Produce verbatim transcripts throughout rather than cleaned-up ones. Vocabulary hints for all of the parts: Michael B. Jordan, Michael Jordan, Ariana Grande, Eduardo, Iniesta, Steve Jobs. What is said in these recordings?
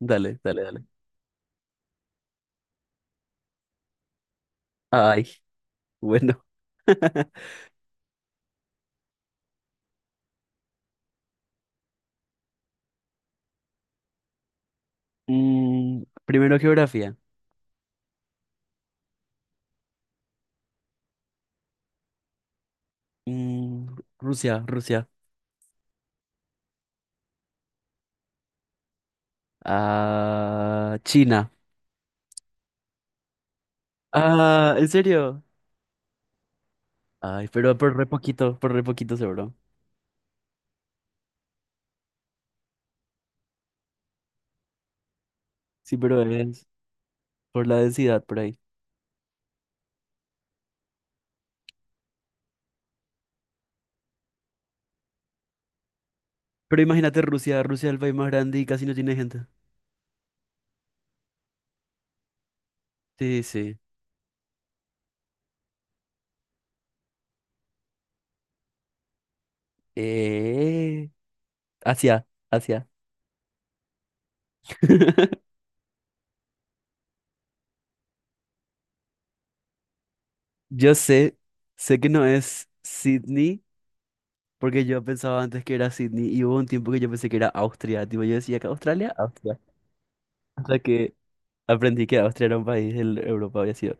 Dale, dale, dale. Ay, bueno. Mm, primero geografía. Mm, Rusia, Rusia. Ah, China. Ah, ¿en serio? Ay, pero por re poquito, por re poquito seguro. Sí, pero es por la densidad por ahí. Pero imagínate Rusia, Rusia es el país más grande y casi no tiene gente. Sí, sí. Eh, Asia, Asia. Yo sé, sé que no es Sydney. Porque yo pensaba antes que era Sydney y hubo un tiempo que yo pensé que era Austria. Tipo, yo decía que Australia, Austria. Hasta que aprendí que Austria era un país de Europa, había sido.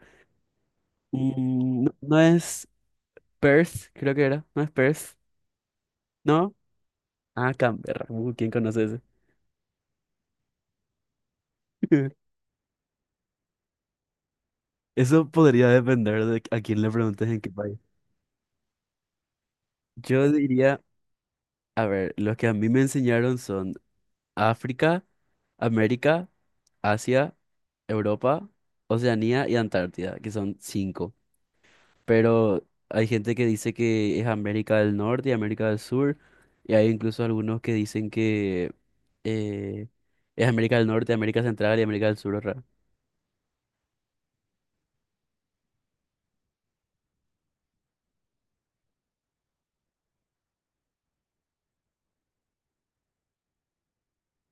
Mm, no, no es Perth, creo que era. No es Perth. ¿No? Ah, Canberra. Uh, ¿quién conoce ese? Eso podría depender de a quién le preguntes en qué país. Yo diría, a ver, los que a mí me enseñaron son África, América, Asia, Europa, Oceanía y Antártida, que son cinco. Pero hay gente que dice que es América del Norte y América del Sur, y hay incluso algunos que dicen que eh, es América del Norte, América Central y América del Sur, otra.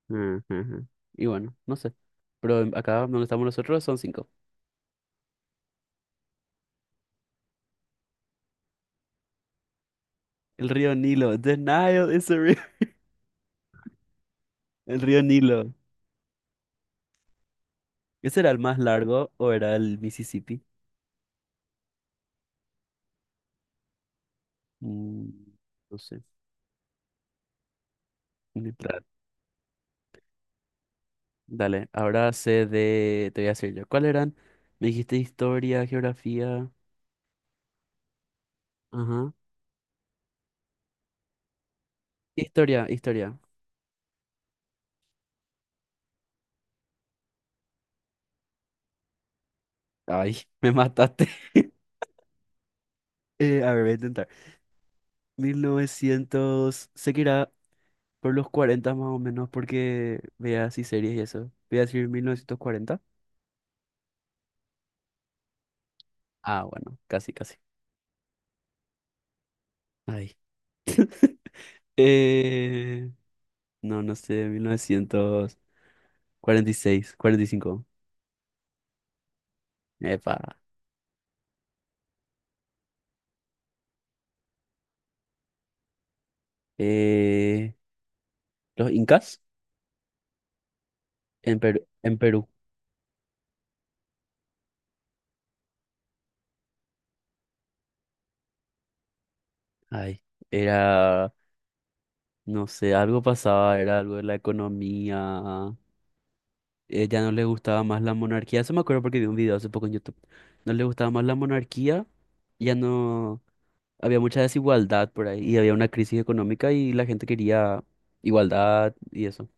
Ujú, ujú. Y bueno, no sé. Pero en- acá donde estamos nosotros son cinco. El río Nilo. The Nile is a ri- El río Nilo. ¿Ese era el más largo o era el Mississippi? Mm, no sé. Ni- Claro. Dale, ahora sé de. Te voy a decir yo. ¿Cuál eran? Me dijiste historia, geografía. Ajá. Historia, historia. Ay, me mataste. Eh, a ver, voy a intentar. mil novecientos, sé que irá por los cuarenta más o menos, porque vea así series y eso. Voy a decir mil novecientos cuarenta. Ah, bueno, casi, casi. Ay. Eh, no, no sé, mil novecientos cuarenta y seis, cuarenta y cinco. Epa. Eh, los incas en Perú, en Perú. Ay, era, no sé, algo pasaba, era algo de la economía, eh, ya no le gustaba más la monarquía. Eso me acuerdo porque vi un video hace poco en YouTube. No le gustaba más la monarquía, ya no había mucha desigualdad por ahí y había una crisis económica y la gente quería igualdad y eso.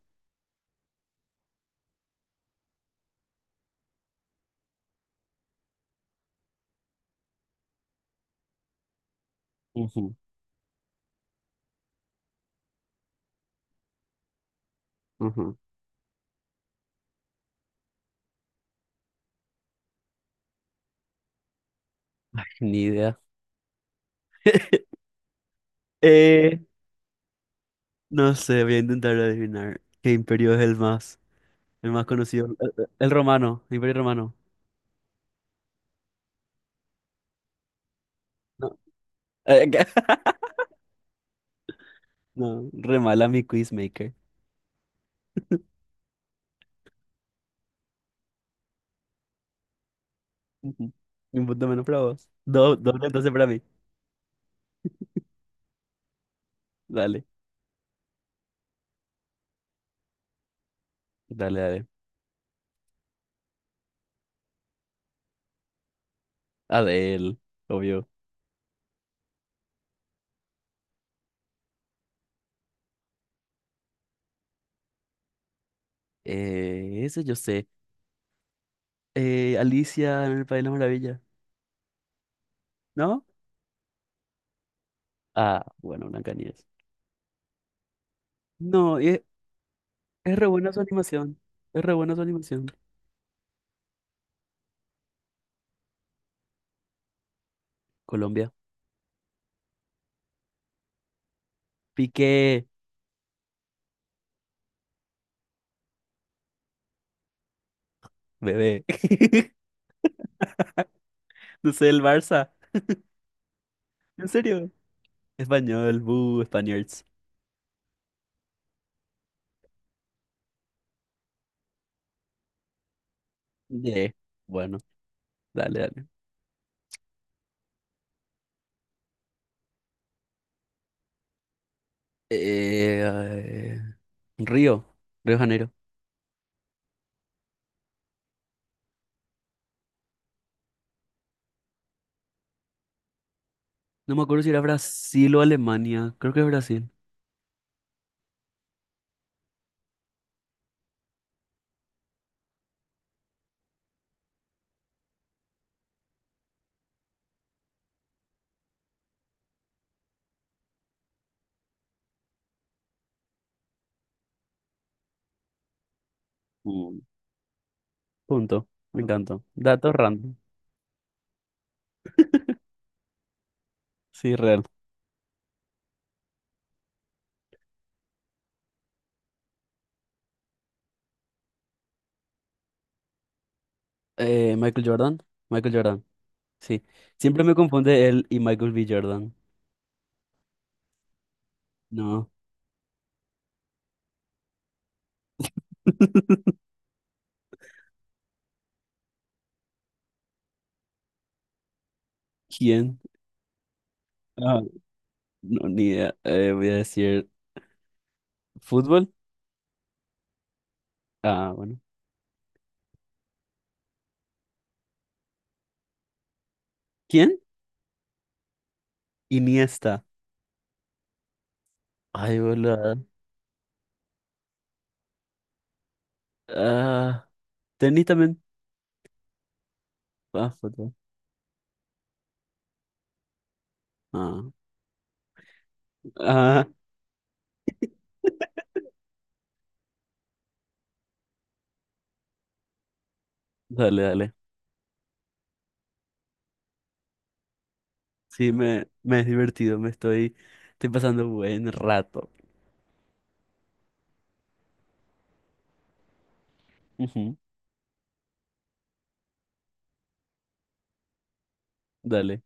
Ujú, ujú. Ni idea. Eh, no sé, voy a intentar adivinar qué imperio es el más, el más conocido. El, el- el romano, el imperio romano. No, eh, ¿qué? No, re mala mi quizmaker. Ujú. Un punto menos para vos. Dos, dos entonces para mí. Dale, dale, dale. Adele, obvio. Eh, eso yo sé. Eh, Alicia en el País de las Maravillas, ¿no? Ah, bueno, Blancanieves. No, es, es re buena su animación. Es re buena su animación. Colombia. Piqué, bebé. No sé, el Barça. ¿En serio? Español, buh, Spaniards. Yeah. Bueno, dale, dale. Eh, eh, Río, Río de Janeiro. No me acuerdo si era Brasil o Alemania. Creo que es Brasil. Mm. Punto. Me encantó. Datos random. Sí, real. Eh, Michael Jordan. Michael Jordan. Sí. Siempre me confunde él y Michael B. Jordan. No. ¿Quién? Ah, no, ni idea. Eh, voy a decir fútbol. Ah, bueno. ¿Quién? Iniesta. Ay, boludo. Ah, tenis también. Ah, fútbol. Ah, ah. Dale, dale. Sí, me, me es divertido. Me estoy, estoy pasando buen rato. Ujú. Dale.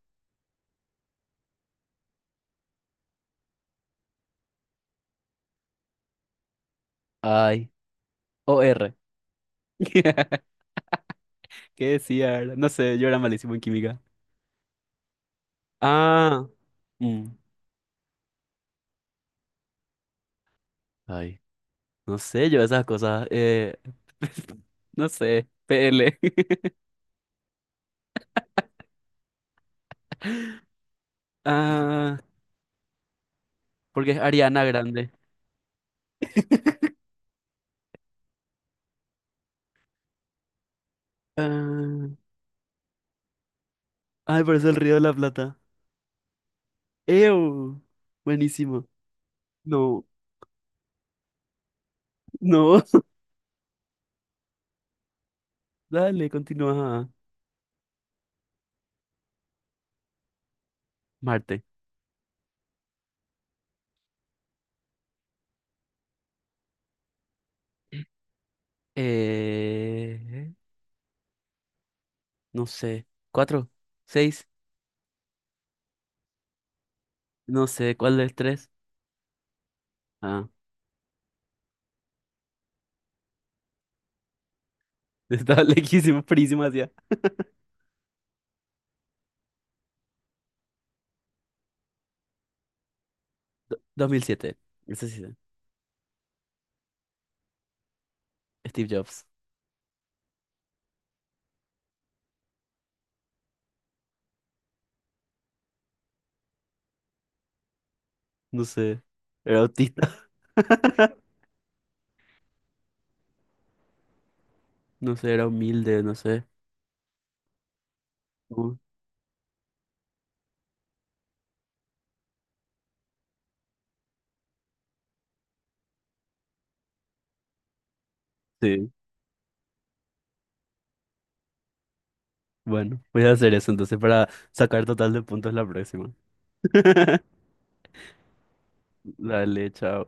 Ay, O R. ¿Qué decía? ¿Era? No sé, yo era malísimo en química. Ah. Mm. Ay, no sé, yo esas cosas. Eh, no sé, P L. Ah, porque es Ariana Grande. Ah. Ay, parece el Río de la Plata. ¡Ew! Buenísimo. No. No. Dale, continúa. Marte. Eh, no sé. ¿Cuatro? ¿Seis? No sé, ¿cuál es tres? Ah. Estaba lejísimo, frísimo hacia. do- dos mil siete. Ese sí. Steve Jobs. No sé. Era autista. No sé, era humilde, no sé. Uh, sí. Bueno, voy a hacer eso entonces para sacar total de puntos la próxima. Dale, chao.